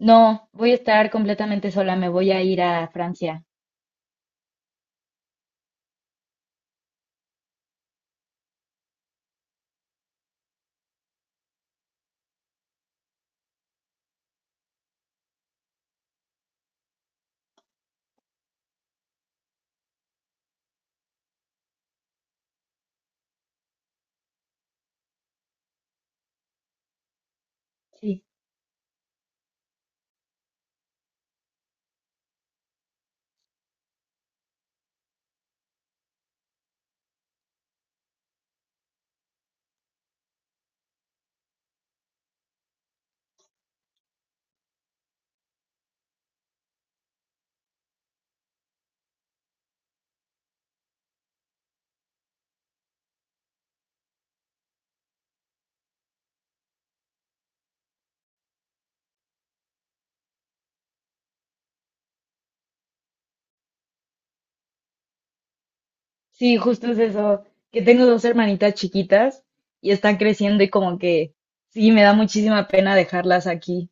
No, voy a estar completamente sola, me voy a ir a Francia. Sí, sí, justo es eso, que tengo dos hermanitas chiquitas y están creciendo y como que sí, me da muchísima pena dejarlas aquí.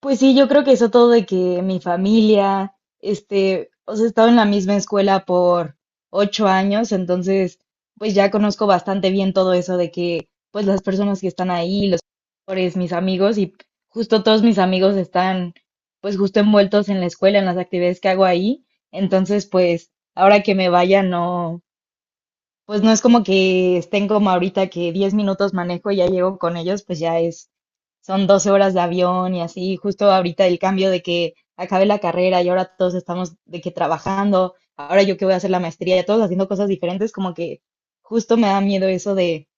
Pues sí, yo creo que eso todo de que mi familia, este, o sea, he estado en la misma escuela por 8 años, entonces, pues ya conozco bastante bien todo eso de que, pues las personas que están ahí, los profesores, mis amigos, y justo todos mis amigos están, pues justo envueltos en la escuela, en las actividades que hago ahí, entonces, pues ahora que me vaya, no pues no es como que estén como ahorita que 10 minutos manejo y ya llego con ellos, pues ya es, son 12 horas de avión y así, justo ahorita el cambio de que acabé la carrera y ahora todos estamos de que trabajando, ahora yo que voy a hacer la maestría, todos haciendo cosas diferentes, como que justo me da miedo eso de,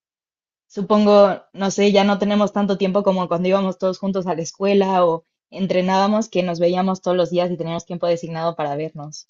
supongo, no sé, ya no tenemos tanto tiempo como cuando íbamos todos juntos a la escuela o entrenábamos que nos veíamos todos los días y teníamos tiempo designado para vernos.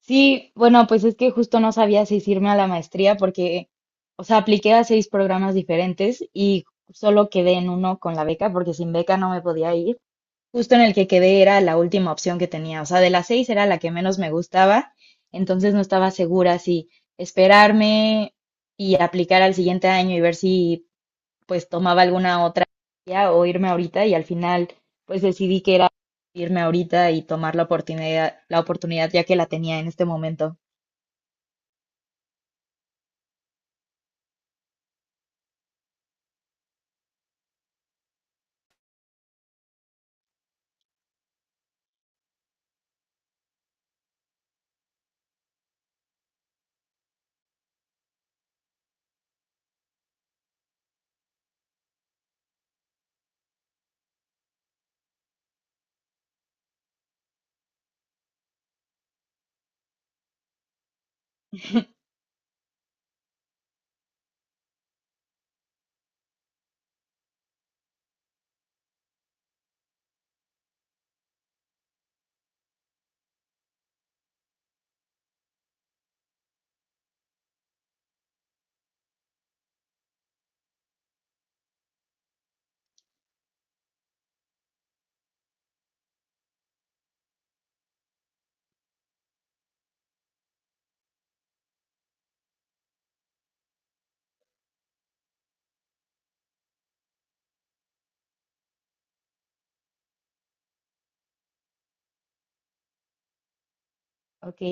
Sí, bueno, pues es que justo no sabía si irme a la maestría porque, o sea, apliqué a 6 programas diferentes y solo quedé en uno con la beca porque sin beca no me podía ir. Justo en el que quedé era la última opción que tenía, o sea, de las 6 era la que menos me gustaba, entonces no estaba segura si esperarme y aplicar al siguiente año y ver si pues tomaba alguna otra ya, o irme ahorita y al final pues decidí que era irme ahorita y tomar la oportunidad ya que la tenía en este momento. Ok,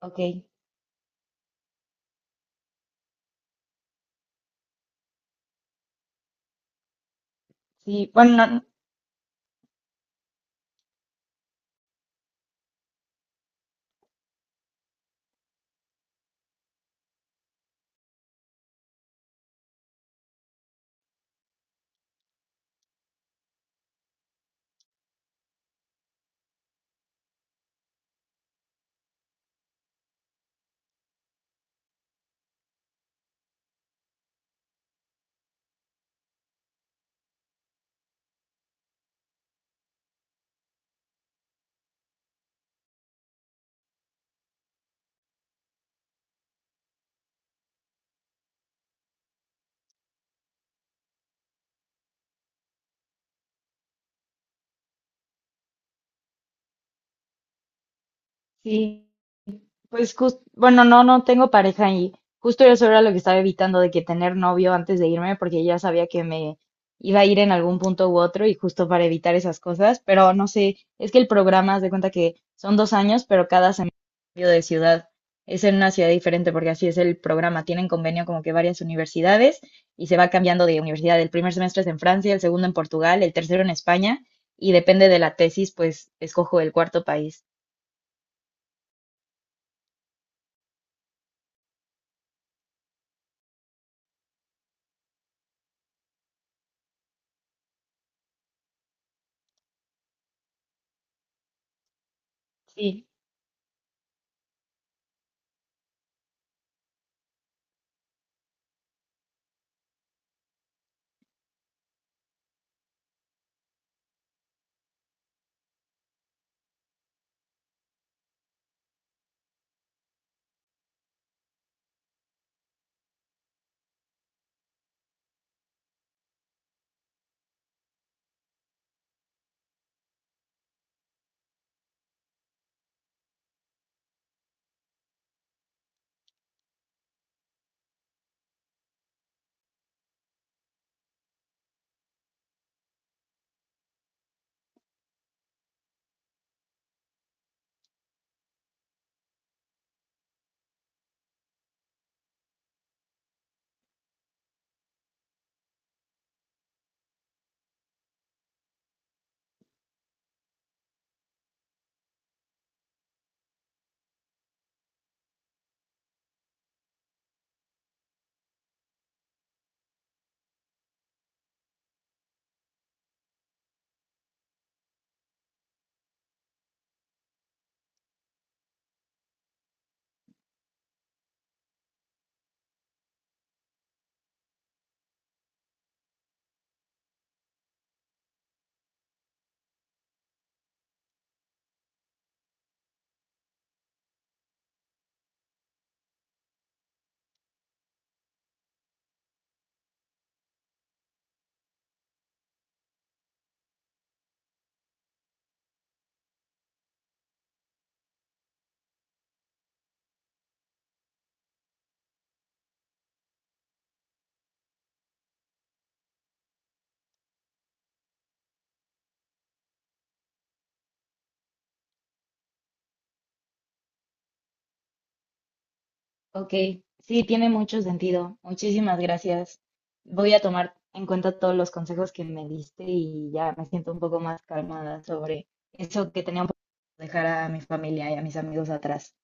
ok. Sí, bueno, no, sí. Pues justo, bueno, no, no tengo pareja y justo eso era lo que estaba evitando de que tener novio antes de irme, porque ya sabía que me iba a ir en algún punto u otro y justo para evitar esas cosas, pero no sé, es que el programa, haz de cuenta que son 2 años, pero cada semestre cambio de ciudad, es en una ciudad diferente, porque así es el programa, tienen convenio como que varias universidades y se va cambiando de universidad, el primer semestre es en Francia, el segundo en Portugal, el tercero en España y depende de la tesis, pues escojo el cuarto país. Sí. Ok, sí, tiene mucho sentido. Muchísimas gracias. Voy a tomar en cuenta todos los consejos que me diste y ya me siento un poco más calmada sobre eso que tenía un poco dejar a mi familia y a mis amigos atrás.